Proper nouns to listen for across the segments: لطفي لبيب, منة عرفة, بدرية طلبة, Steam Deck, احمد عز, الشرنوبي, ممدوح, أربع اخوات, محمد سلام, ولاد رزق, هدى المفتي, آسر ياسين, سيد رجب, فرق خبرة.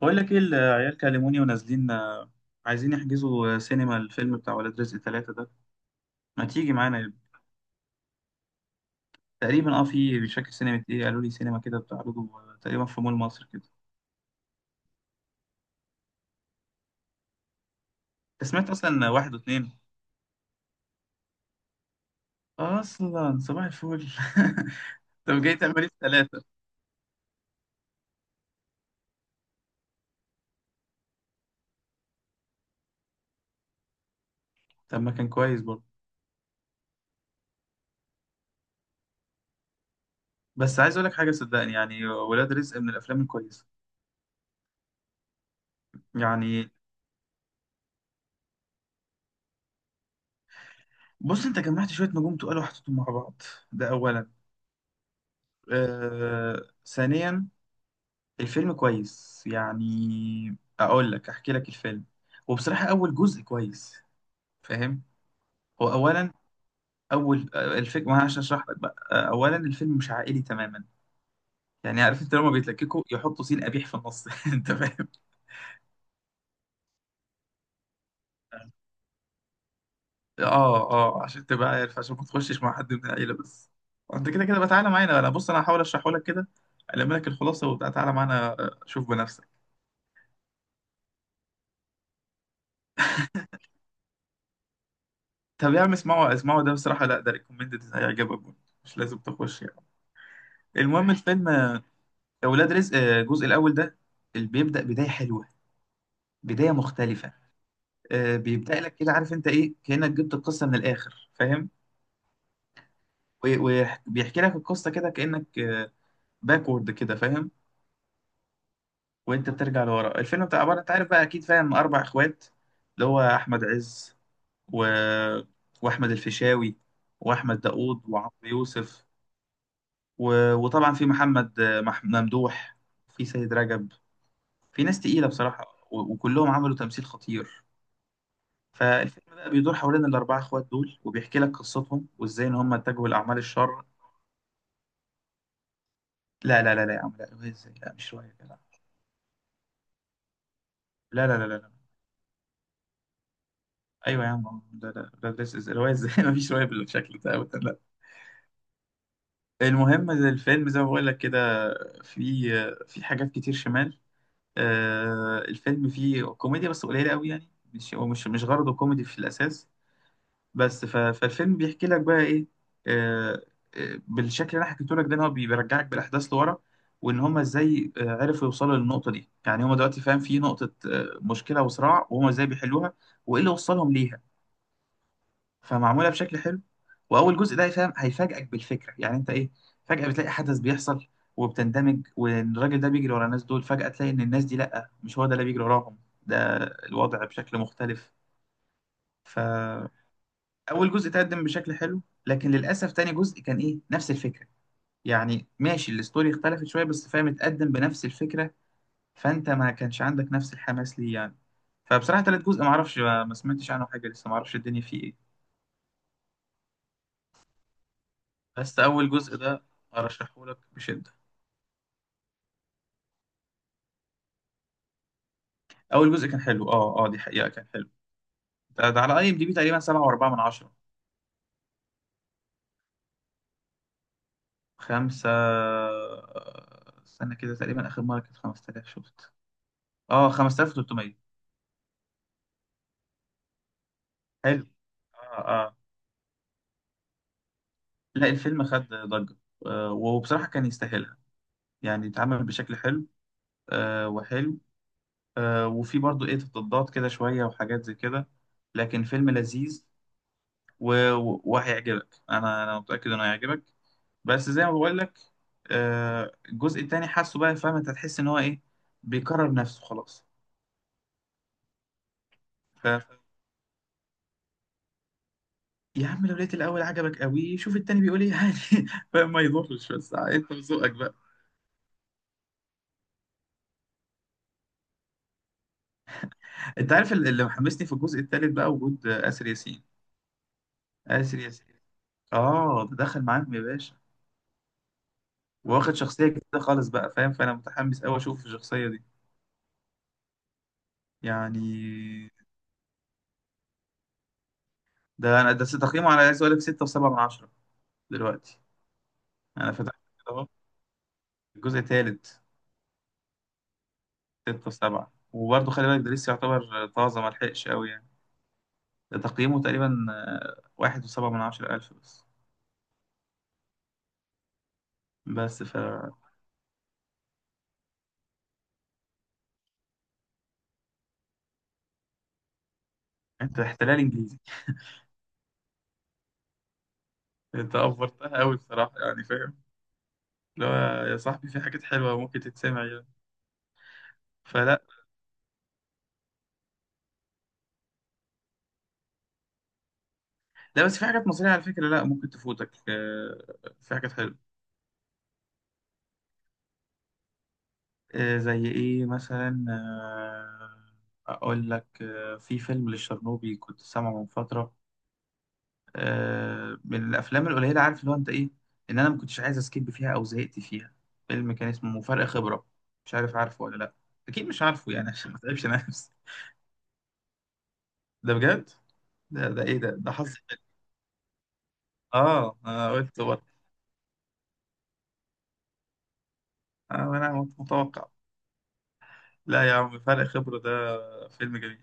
بقول لك ايه، العيال كلموني ونازلين، عايزين يحجزوا سينما الفيلم بتاع ولاد رزق ثلاثة ده. ما تيجي معانا؟ تقريبا، في مش فاكر سينما ايه قالوا لي، سينما كده بتعرضه، تقريبا في مول مصر كده. أنت سمعت اصلا واحد واثنين؟ اصلا صباح الفل! طب جاي تعمل ايه في ثلاثة؟ طب ما كان كويس برضه. بس عايز اقول لك حاجة، صدقني، يعني ولاد رزق من الافلام الكويسة. يعني، بص، انت جمعت شوية نجوم تقال وحطيتهم مع بعض، ده اولا. ثانيا، الفيلم كويس. يعني اقول لك احكي لك الفيلم. وبصراحة اول جزء كويس، فاهم؟ هو اولا، اول الفيلم، ما أنا عشان اشرح لك بقى اولا، الفيلم مش عائلي تماما. يعني عارف انت لما بيتلككوا يحطوا سين قبيح في النص، انت فاهم؟ اه. اه. عشان تبقى عارف، عشان ما تخشش مع حد من العيلة بس. انت كده كده بقى تعالى معانا، انا بص، انا هحاول اشرحه لك كده، الم لك الخلاصة وبتاع، تعالى معانا شوف بنفسك. طب يا عم اسمعوا اسمعوا، ده بصراحة، لا، ده ريكومندد، هيعجبك برضه. مش لازم تخش يعني. المهم، الفيلم اولاد رزق، الجزء الاول ده، اللي بيبدا بدايه حلوه، بدايه مختلفه. بيبدا لك كده، عارف انت ايه، كانك جبت القصه من الاخر، فاهم؟ و- وبيحكي لك القصه كده، كانك باكورد كده، فاهم؟ وانت بترجع لورا. الفيلم بتاع عباره، انت عارف بقى اكيد، فاهم، اربع اخوات. اللي هو احمد عز و... واحمد الفيشاوي واحمد داوود وعمرو يوسف، و... وطبعا في محمد ممدوح، في سيد رجب، في ناس تقيله بصراحه، و... وكلهم عملوا تمثيل خطير. فالفيلم بقى بيدور حوالين الأربعة إخوات دول، وبيحكي لك قصتهم وإزاي إن هم اتجهوا لأعمال الشر. لا لا لا لا يا عم، لا رواية إزاي، لا مش رواية لا. لا لا لا لا لا. أيوة يا عم، لا لا لا لا، إزاي رواية إزاي! مفيش رواية بالشكل ده أبدا، لا. المهم، الفيلم زي ما بقول لك كده، في في حاجات كتير شمال. الفيلم فيه كوميديا بس قليلة قوي يعني. مش، هو مش غرضه كوميدي في الأساس. بس ف- فالفيلم بيحكي لك بقى ايه؟ آه، بالشكل اللي انا حكيته لك ده، ان هو بيرجعك بالاحداث لورا. وان هما ازاي عرفوا يوصلوا للنقطه دي، يعني هما دلوقتي، فاهم، في نقطه مشكله وصراع، وهما ازاي بيحلوها وايه اللي وصلهم ليها. فمعموله بشكل حلو. واول جزء ده، فاهم، هيفاجئك بالفكره، يعني انت ايه، فجاه بتلاقي حدث بيحصل وبتندمج، والراجل ده بيجري ورا الناس دول، فجاه تلاقي ان الناس دي، لا مش هو ده اللي بيجري وراهم، ده الوضع بشكل مختلف. اول جزء تقدم بشكل حلو، لكن للاسف تاني جزء كان ايه، نفس الفكره. يعني ماشي، الستوري اختلفت شويه، بس فاهم، اتقدم بنفس الفكره. فانت ما كانش عندك نفس الحماس ليه يعني. فبصراحه، تالت جزء ما اعرفش، ما سمعتش عنه حاجه لسه، ما اعرفش الدنيا فيه ايه. بس اول جزء ده ارشحه لك بشده. اول جزء كان حلو، دي حقيقه، كان حلو. ده على IMDb، تقريبا 7.4 من 10. خمسة، استنى كده، تقريبا اخر مره كانت 5000، شفت، اه 5300. حلو. اه آه. لا، الفيلم خد ضجة، وبصراحة كان يستاهلها. يعني اتعمل بشكل حلو وحلو، وفي برضو ايه، تضادات كده شوية وحاجات زي كده، لكن فيلم لذيذ. و- و- وهيعجبك، انا متأكد انه هيعجبك. بس زي ما بقول لك، الجزء التاني حاسه بقى، فاهم، انت هتحس ان هو ايه، بيكرر نفسه خلاص. ف... يا عم لو لقيت الاول عجبك قوي، شوف التاني بيقول ايه يعني. فاهم، ما يضرش، بس انت وذوقك بقى. انت عارف اللي محمسني في الجزء التالت بقى، وجود آسر ياسين. آسر ياسين، اه ده دخل معاهم يا باشا، واخد شخصية جديدة خالص بقى، فاهم، فأنا متحمس أوي أشوف الشخصية دي يعني. ده تقييمه على، عايز أقول لك، 6.7 من 10 دلوقتي. أنا فتحت كده أهو، الجزء التالت، 6.7. وبرضه خلي بالك، ده لسه يعتبر طازة، ملحقش أوي يعني. ده تقييمه تقريبا 1.7، من 10,000 بس. بس، أنت احتلال إنجليزي. أنت أفورتها أوي بصراحة، يعني، فاهم، اللي هو يا صاحبي في حاجات حلوة ممكن تتسمع يعني. فلا، لا بس في حاجات مصرية على فكرة، لا ممكن تفوتك. في حاجات حلوة. زي ايه مثلا؟ اقول لك، في فيلم للشرنوبي كنت سامعه من فترة، من الافلام القليلة، عارف اللي هو انت ايه، ان انا ما كنتش عايز اسكيب فيها او زهقت فيها. فيلم كان اسمه مفارق خبرة. مش عارف، عارفه ولا لا؟ اكيد مش عارفه، يعني عشان ما تعبش نفسي. ده بجد. ده ايه، ده حظ حلو. اه انا قلت برضه، انا متوقع. لا يا عم، فرق خبرة ده فيلم جميل.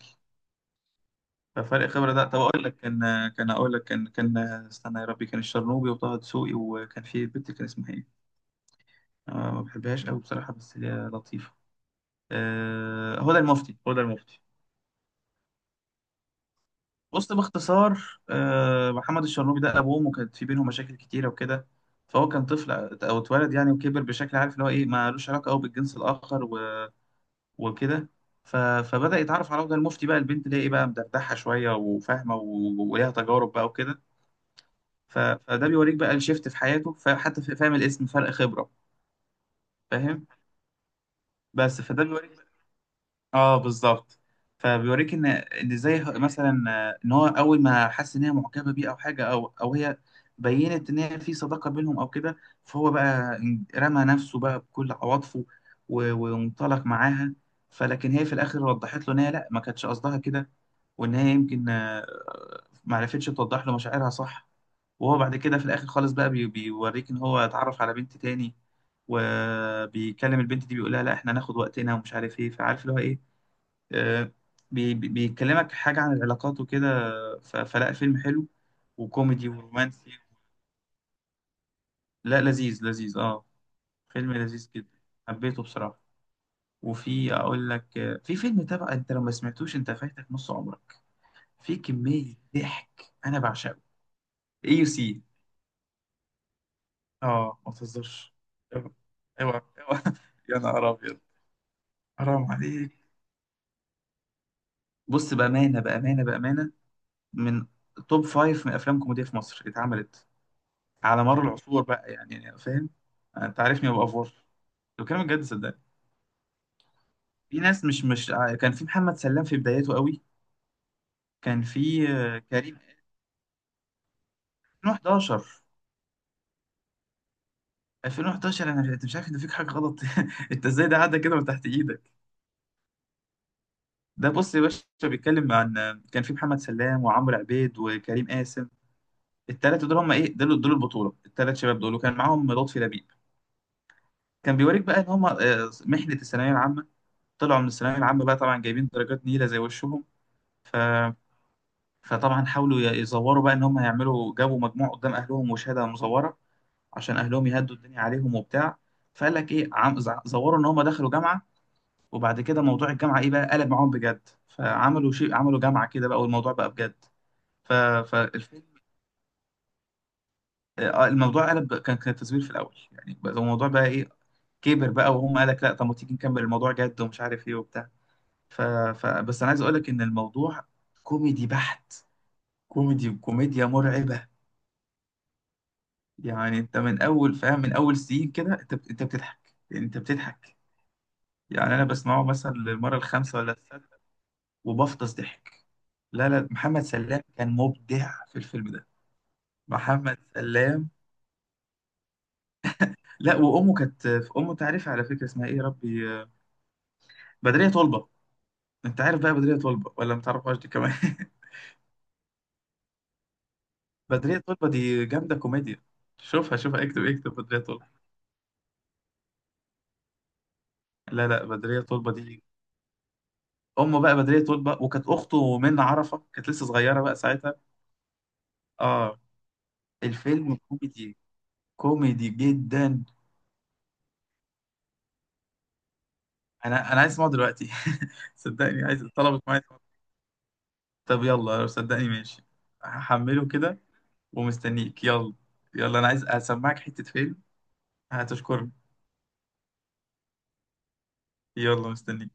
ففرق خبرة ده، طب أقول لك كان أقول لك كان استنى يا ربي، كان الشرنوبي وطه دسوقي، وكان في بنت، كان اسمها إيه؟ أنا ما بحبهاش أوي بصراحة، بس هي لطيفة. هدى المفتي. هدى المفتي. بص باختصار، محمد الشرنوبي ده أبوه وأمه كانت في بينهم مشاكل كتيرة وكده. فهو كان طفل، أو اتولد يعني وكبر بشكل، عارف اللي هو إيه، مالوش علاقة أوي بالجنس الآخر و- وكده. ف... فبدأ يتعرف على هدى المفتي بقى، البنت اللي هي إيه بقى، مدردحة شوية وفاهمة و- وليها تجارب بقى وكده. ف- فده بيوريك بقى الشيفت في حياته، فحتى فاهم الاسم، فرق خبرة، فاهم؟ بس فده بيوريك، اه بالظبط. فبيوريك ان ازاي، مثلا ان هو اول ما حس ان هي معجبة بيه او حاجة، او هي بينت ان هي في صداقة بينهم او كده. فهو بقى رمى نفسه بقى بكل عواطفه، و- وانطلق معاها. فلكن هي في الاخر وضحت له ان هي لا، ما كانتش قصدها كده، وان هي يمكن ما عرفتش توضح له مشاعرها صح. وهو بعد كده في الاخر خالص بقى، بيوريك ان هو اتعرف على بنت تاني، وبيكلم البنت دي بيقولها لا، احنا هناخد وقتنا ومش عارف ايه، فعارف اللي هو ايه، آه، بيكلمك حاجة عن العلاقات وكده. فلا، فيلم حلو، وكوميدي ورومانسي. لا، لذيذ لذيذ اه. فيلم لذيذ جدا، حبيته بصراحة. وفي اقول لك، في فيلم، تبع انت لو ما سمعتوش انت فايتك نص عمرك، في كمية ضحك، انا بعشقه، IUC. اه ما تهزرش. اوعى اوعى اوعى! يا نهار ابيض! حرام عليك! بص بامانه بامانه بامانه، من توب فايف من افلام كوميديا في مصر اتعملت على مر العصور بقى يعني فاهم، انت عارفني ببقى فور. بتكلم بجد، صدقني. في ناس، مش مش ع- كان في محمد سلام في بدايته قوي، كان في كريم، 2011. انا مش، أنت مش عارف ان فيك حاجه غلط! انت ازاي ده عدى كده من تحت ايدك؟ ده بص يا باشا، بيتكلم عن، كان في محمد سلام وعمرو عبيد وكريم قاسم. التلاتة دول هم ايه، دول دول البطولة، التلات شباب دول، وكان معاهم لطفي لبيب. كان بيوريك بقى ان هم محنة الثانوية العامة، طلعوا من الثانوية العامة بقى طبعا جايبين درجات نيلة زي وشهم. ف... فطبعا حاولوا ي- يزوروا بقى ان هم يعملوا، جابوا مجموع قدام اهلهم وشهادة مزورة، عشان اهلهم يهدوا الدنيا عليهم وبتاع. فقال لك ايه، زوروا ان هم دخلوا جامعة. وبعد كده موضوع الجامعة ايه بقى، قلب معاهم بجد، فعملوا شيء، عملوا جامعة كده بقى والموضوع بقى بجد. ف... فالفيلم آه، الموضوع قلب كان كان تزوير في الاول يعني بقى الموضوع بقى ايه كبر بقى وهم قالك لا طب ما تيجي نكمل الموضوع جد ومش عارف ايه وبتاع ف... بس انا عايز اقولك ان الموضوع كوميدي بحت، كوميدي، كوميديا مرعبة. يعني انت من اول، فاهم، من اول سين كده انت انت بتضحك، يعني انت بتضحك. يعني انا بسمعه مثلا للمرة الخامسة ولا السادسة وبفطس ضحك. لا لا، محمد سلام كان مبدع في الفيلم ده، محمد سلام. لا، وامه كانت، امه تعرف على فكرة اسمها ايه يا ربي، بدرية طلبة. انت عارف بقى بدرية طلبة ولا ما تعرفهاش دي كمان؟ بدرية طلبة دي جامدة كوميديا. شوفها شوفها، اكتب اكتب بدرية طلبة. لا لا، بدرية طلبة دي. أمه بقى بدرية طلبة، وكانت أخته منة عرفة كانت لسه صغيرة بقى ساعتها. اه الفيلم كوميدي، كوميدي جدا. أنا عايز أسمعه دلوقتي، صدقني عايز طلبت معايا. طب يلا، صدقني، ماشي. هحمله كده ومستنيك. يلا يلا، أنا عايز أسمعك حتة فيلم، هتشكرني. يلا مستنيك.